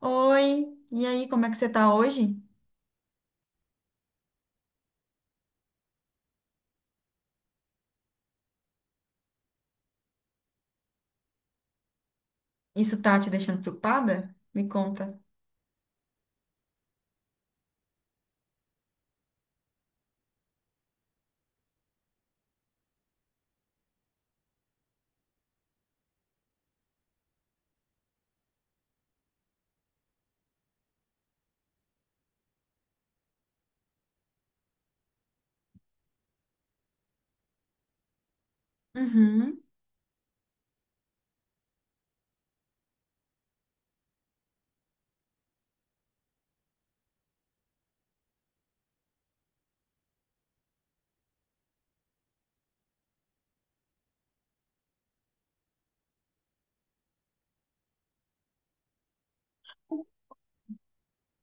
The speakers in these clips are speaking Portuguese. Oi, e aí, como é que você tá hoje? Isso tá te deixando preocupada? Me conta. Uhum.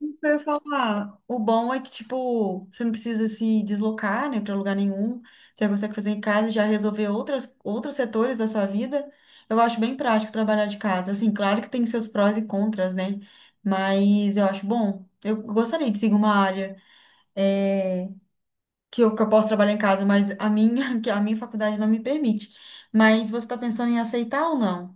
Isso que eu ia falar, o bom é que, tipo, você não precisa se deslocar, né, para lugar nenhum. Você consegue fazer em casa e já resolver outros setores da sua vida. Eu acho bem prático trabalhar de casa. Assim, claro que tem seus prós e contras, né? Mas eu acho bom. Eu gostaria de seguir uma área, eh, que eu posso trabalhar em casa, mas a minha, que a minha faculdade não me permite. Mas você está pensando em aceitar ou não?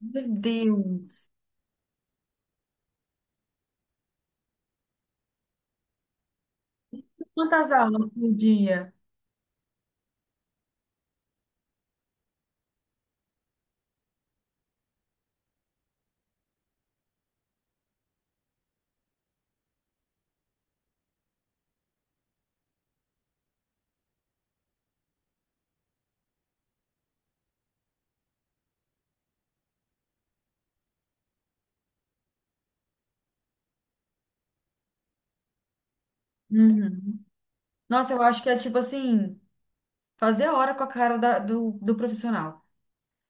Meu Deus! Quantas aulas por dia? Uhum. Nossa, eu acho que é tipo assim, fazer hora com a do profissional.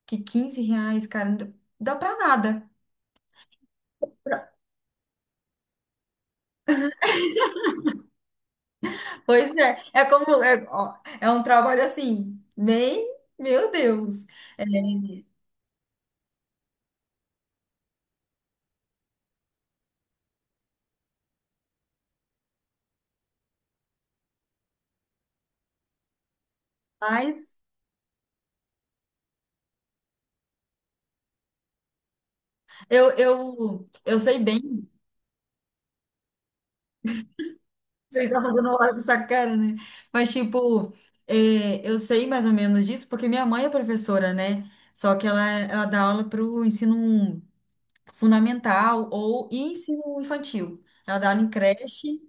Que 15 reais, cara, não dá pra nada. Pois é, é como, é, ó, é um trabalho assim, bem, meu Deus. É, mas eu sei bem. Vocês estão fazendo hora com essa cara, né? Mas, tipo, é, eu sei mais ou menos disso porque minha mãe é professora, né? Só que ela dá aula para o ensino fundamental ou e ensino infantil. Ela dá aula em creche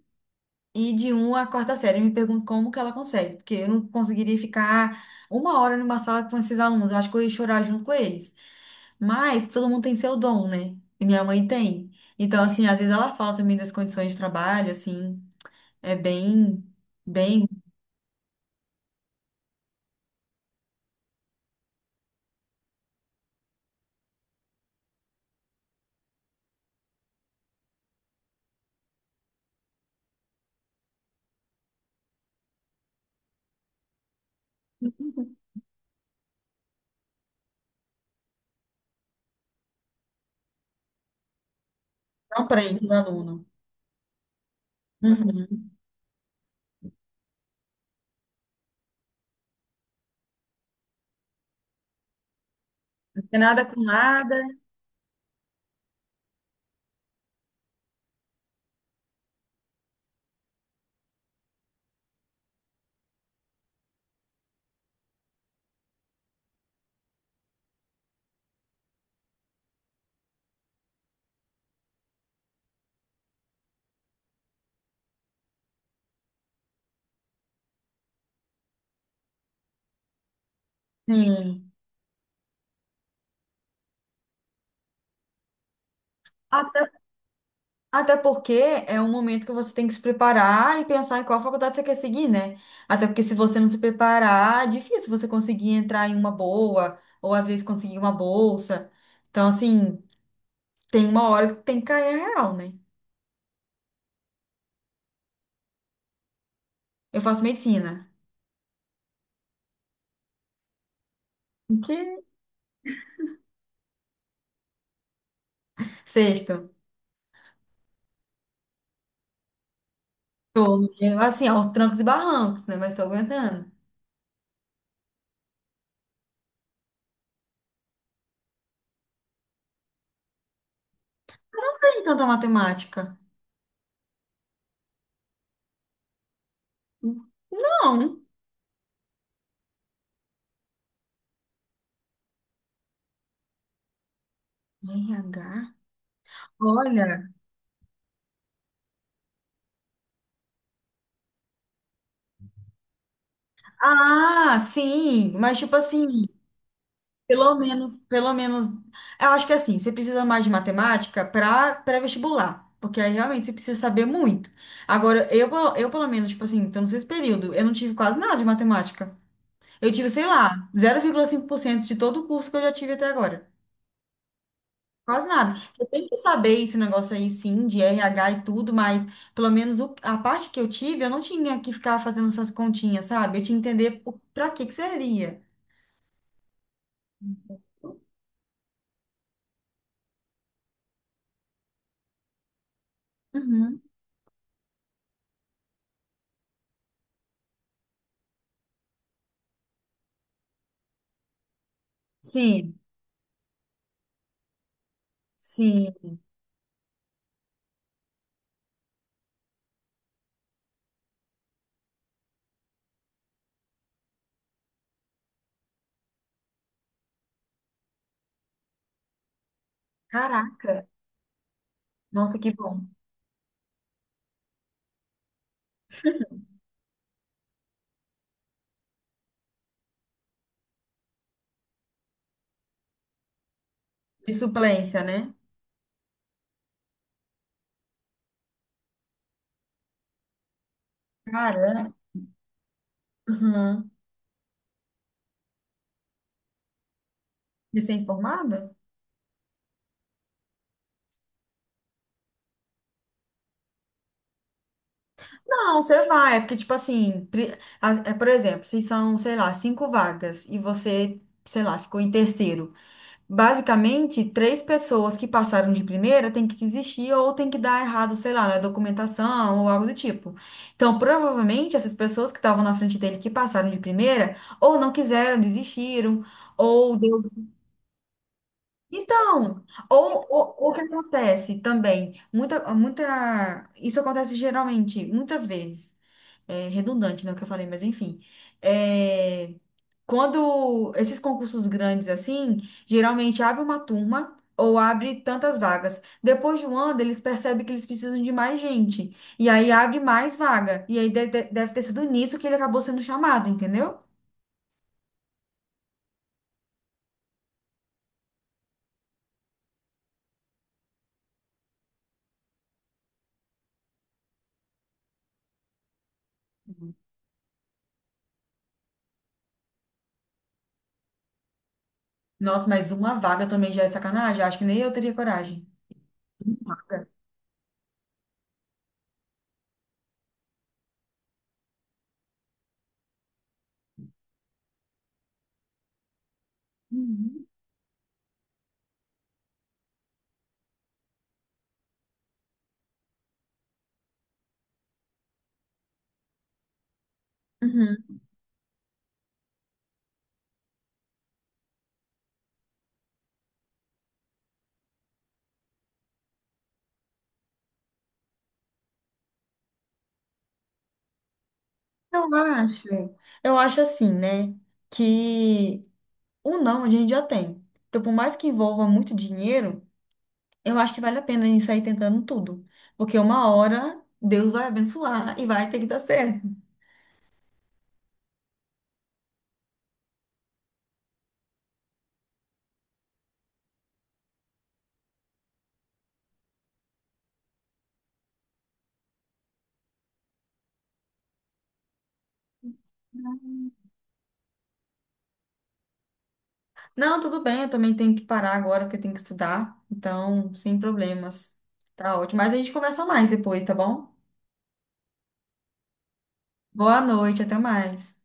e de um à quarta série. Eu me pergunto como que ela consegue, porque eu não conseguiria ficar uma hora numa sala com esses alunos. Eu acho que eu ia chorar junto com eles. Mas todo mundo tem seu dom, né? E minha mãe tem. Então, assim, às vezes ela fala também das condições de trabalho, assim. É bem, bem próprio o aluno. Uhum. Não tem nada com nada. Sim. Até, até porque é um momento que você tem que se preparar e pensar em qual faculdade você quer seguir, né? Até porque se você não se preparar, é difícil você conseguir entrar em uma boa, ou às vezes conseguir uma bolsa. Então, assim, tem uma hora que tem que cair a real, né? Eu faço medicina. O Que? Sexto. Tô, eu, assim, aos trancos e barrancos, né? Mas tô aguentando. Não tem tanta matemática. Não. RH? Olha, ah, sim, mas tipo assim, pelo menos, eu acho que assim, você precisa mais de matemática para pré-vestibular, porque aí realmente você precisa saber muito. Agora, eu pelo menos, tipo assim, então nesse período, eu não tive quase nada de matemática. Eu tive, sei lá, 0,5% de todo o curso que eu já tive até agora. Quase nada. Você tem que saber esse negócio aí, sim, de RH e tudo, mas pelo menos o- a parte que eu tive, eu não tinha que ficar fazendo essas continhas, sabe? Eu tinha que entender o- pra que que servia. Uhum. Sim, sim. Caraca. Nossa, que bom. De suplência, né? Cara, uhum. Recém-formada? Não, você vai. É porque, tipo assim, pri- a- é, por exemplo, se são, sei lá, cinco vagas e você, sei lá, ficou em terceiro. Basicamente, três pessoas que passaram de primeira têm que desistir ou têm que dar errado, sei lá, na documentação ou algo do tipo. Então, provavelmente, essas pessoas que estavam na frente dele que passaram de primeira ou não quiseram, desistiram, ou deu então, ou o que acontece também, isso acontece geralmente, muitas vezes, é redundante, né, o que eu falei, mas enfim, é, quando esses concursos grandes assim, geralmente abre uma turma ou abre tantas vagas, depois de um ano eles percebem que eles precisam de mais gente, e aí abre mais vaga, e aí deve ter sido nisso que ele acabou sendo chamado, entendeu? Uhum. Nossa, mas uma vaga também já é sacanagem, acho que nem eu teria coragem. Uhum, uhum. Eu acho, eu acho assim, né, que o não a gente já tem. Então, por mais que envolva muito dinheiro, eu acho que vale a pena a gente sair tentando tudo. Porque uma hora Deus vai abençoar e vai ter que dar certo. Não, tudo bem, eu também tenho que parar agora porque eu tenho que estudar. Então, sem problemas. Tá ótimo. Mas a gente conversa mais depois, tá bom? Boa noite, até mais.